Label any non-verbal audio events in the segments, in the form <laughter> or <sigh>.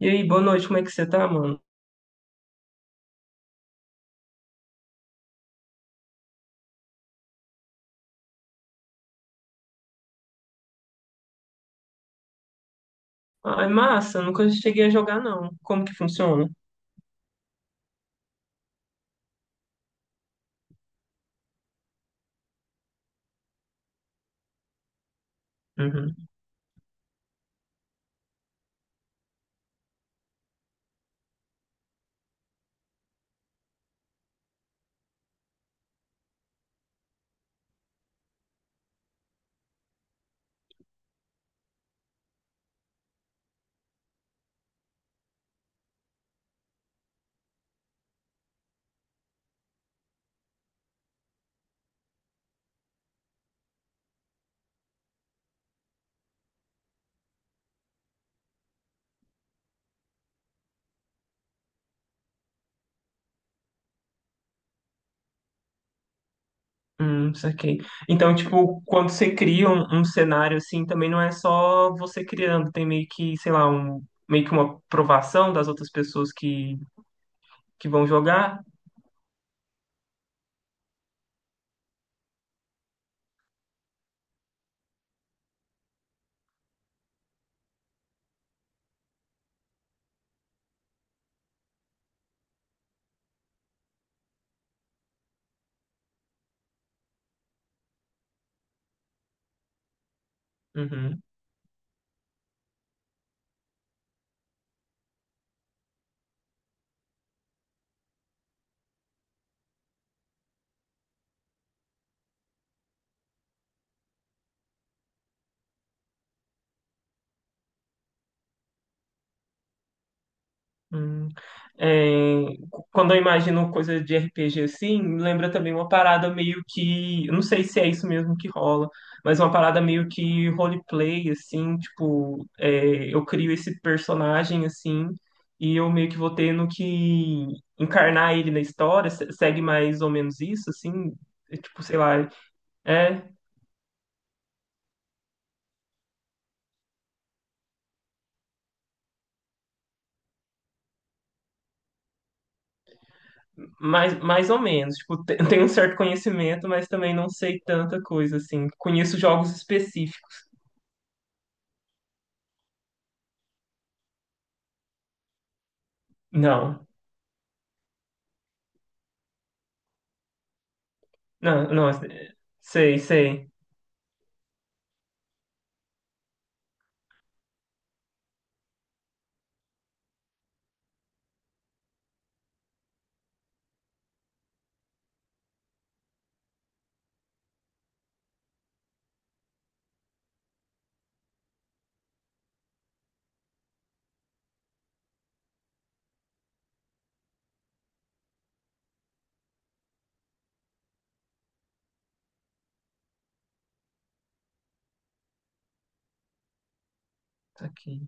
E aí, boa noite, como é que você tá, mano? Ai, massa, nunca cheguei a jogar, não. Como que funciona? Uhum. Saquei. Então, tipo, quando você cria um cenário assim, também não é só você criando, tem meio que, sei lá, um, meio que uma aprovação das outras pessoas que vão jogar. Uhum. Hum, é, quando eu imagino coisa de RPG assim, me lembra também uma parada meio que, eu não sei se é isso mesmo que rola, mas uma parada meio que roleplay assim, tipo, é, eu crio esse personagem assim e eu meio que vou tendo que encarnar ele na história, segue mais ou menos isso assim, é, tipo, sei lá, é mais ou menos, tipo, <laughs> tenho um certo conhecimento, mas também não sei tanta coisa assim. Conheço jogos específicos. Não. Não, não, sei, sei. Tá aqui.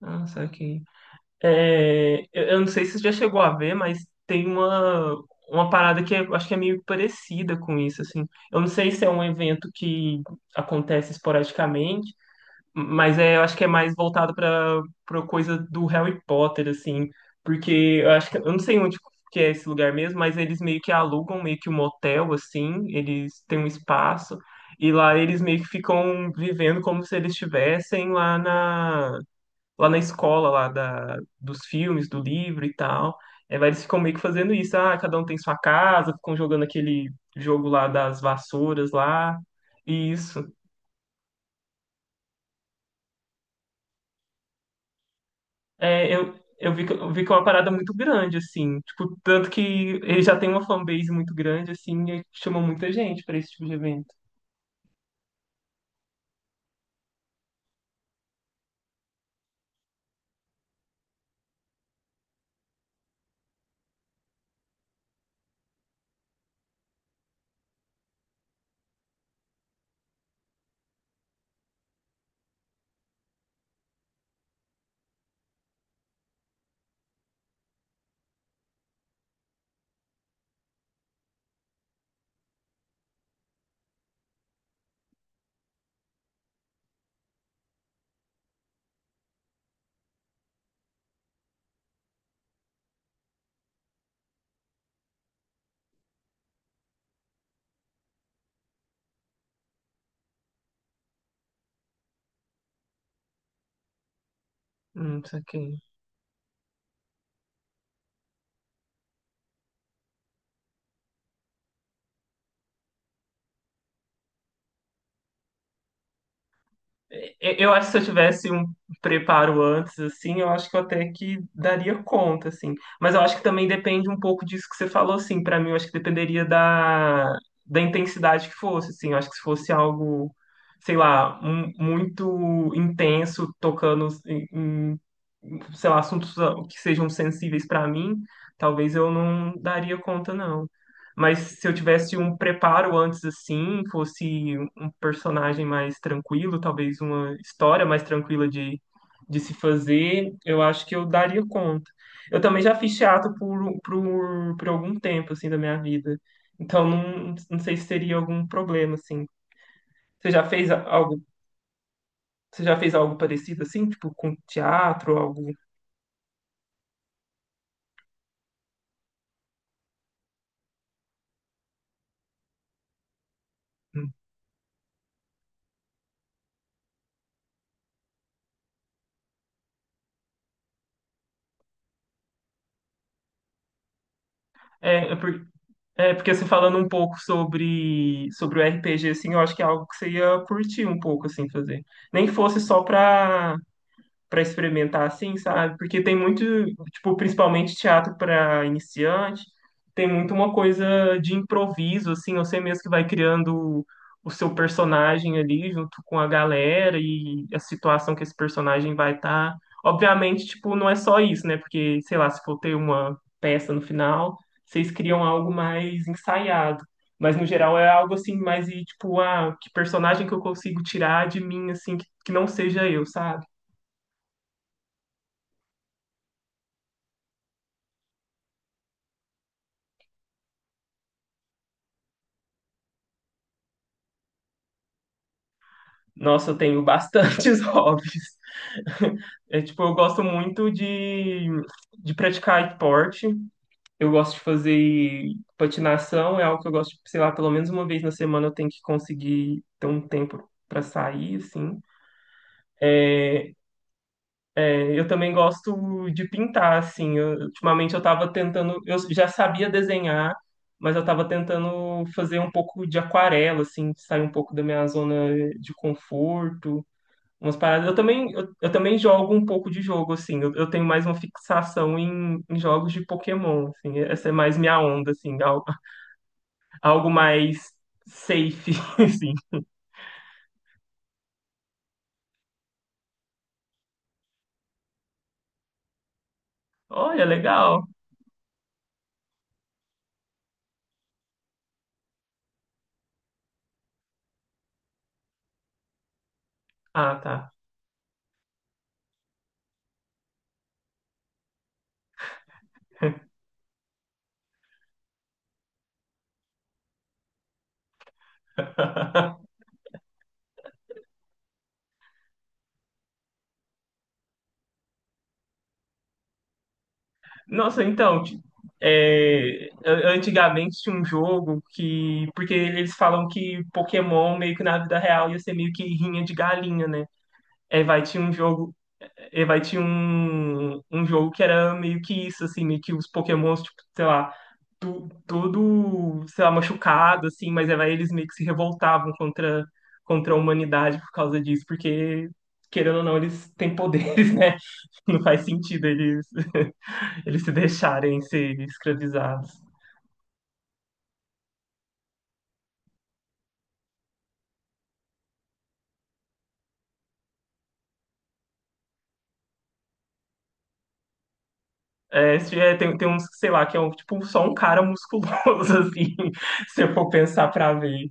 Nossa, aqui. É, eu não sei se você já chegou a ver, mas tem uma parada que eu acho que é meio parecida com isso, assim. Eu não sei se é um evento que acontece esporadicamente, mas é, eu acho que é mais voltado para coisa do Harry Potter, assim, porque eu acho que eu não sei onde que é esse lugar mesmo, mas eles meio que alugam meio que um hotel, assim, eles têm um espaço e lá eles meio que ficam vivendo como se eles estivessem lá na escola lá dos filmes, do livro e tal. É, mas eles ficam meio que fazendo isso, ah, cada um tem sua casa, ficam jogando aquele jogo lá das vassouras lá, e isso. É, eu vi, eu vi que é uma parada muito grande, assim. Tipo, tanto que ele já tem uma fanbase muito grande, assim, e chama muita gente pra esse tipo de evento. Isso aqui. Eu acho que se eu tivesse um preparo antes, assim, eu acho que eu até que daria conta, assim. Mas eu acho que também depende um pouco disso que você falou, assim. Pra mim, eu acho que dependeria da intensidade que fosse, assim. Eu acho que se fosse algo, sei lá, muito intenso, tocando em, sei lá, assuntos que sejam sensíveis pra mim, talvez eu não daria conta, não. Mas se eu tivesse um preparo antes, assim, fosse personagem mais tranquilo, talvez uma história mais tranquila de se fazer, eu acho que eu daria conta. Eu também já fiz teatro por algum tempo, assim, da minha vida. Então, não sei se seria algum problema, assim. Você já fez algo, você já fez algo parecido, assim, tipo, com teatro, algo... É, é, porque você falando um pouco sobre, sobre o RPG, assim, eu acho que é algo que você ia curtir um pouco, assim, fazer. Nem que fosse só pra para experimentar assim, sabe? Porque tem muito, tipo, principalmente teatro para iniciante, tem muito uma coisa de improviso, assim, você mesmo que vai criando o seu personagem ali junto com a galera e a situação que esse personagem vai estar. Obviamente, tipo, não é só isso, né? Porque, sei lá, se for ter uma peça no final, vocês criam algo mais ensaiado. Mas no geral é algo assim, mais e tipo, ah, que personagem que eu consigo tirar de mim, assim, que não seja eu, sabe? Nossa, eu tenho bastantes <laughs> hobbies. É, tipo, eu gosto muito de praticar esporte. Eu gosto de fazer patinação, é algo que eu gosto, sei lá, pelo menos uma vez na semana eu tenho que conseguir ter um tempo para sair, assim. É, eu também gosto de pintar, assim. Ultimamente eu tava tentando, eu já sabia desenhar, mas eu tava tentando fazer um pouco de aquarela, assim, sair um pouco da minha zona de conforto. Umas paradas. Eu também, eu também jogo um pouco de jogo, assim. Eu tenho mais uma fixação em jogos de Pokémon, assim. Essa é mais minha onda, assim. Algo, algo mais safe, <laughs> assim. Olha, legal. Ah, tá. <laughs> Nossa, então, é, antigamente tinha um jogo que, porque eles falam que Pokémon meio que na vida real ia ser meio que rinha de galinha, né? É, vai, tinha um jogo e vai tinha um jogo que era meio que isso, assim, meio que os Pokémons, tipo, sei lá, todo, sei lá, machucado, assim, mas aí vai, eles meio que se revoltavam contra a humanidade por causa disso, porque, querendo ou não, eles têm poderes, <laughs> né? Não faz sentido eles, <laughs> eles se deixarem ser escravizados. É, é, tem, tem uns, sei lá, que é um, tipo só um cara musculoso, <laughs> assim, se eu for pensar pra ver.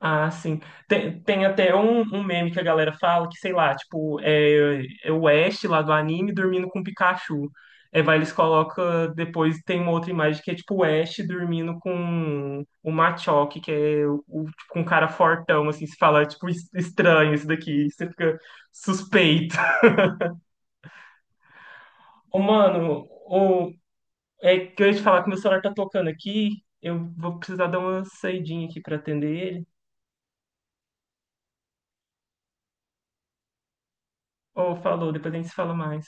Ah, sim. Tem, tem até um meme que a galera fala que, sei lá, tipo, é, é o Ash lá do anime dormindo com o Pikachu. É, vai, eles colocam, depois tem uma outra imagem que é tipo o Ash dormindo com o Machoke, que é tipo, um cara fortão, assim, se fala, tipo, estranho isso daqui, você fica suspeito. <laughs> Ô, mano, o, é que eu ia te falar que meu celular tá tocando aqui, eu vou precisar dar uma saidinha aqui pra atender ele. Ou falou, depois a gente se fala mais.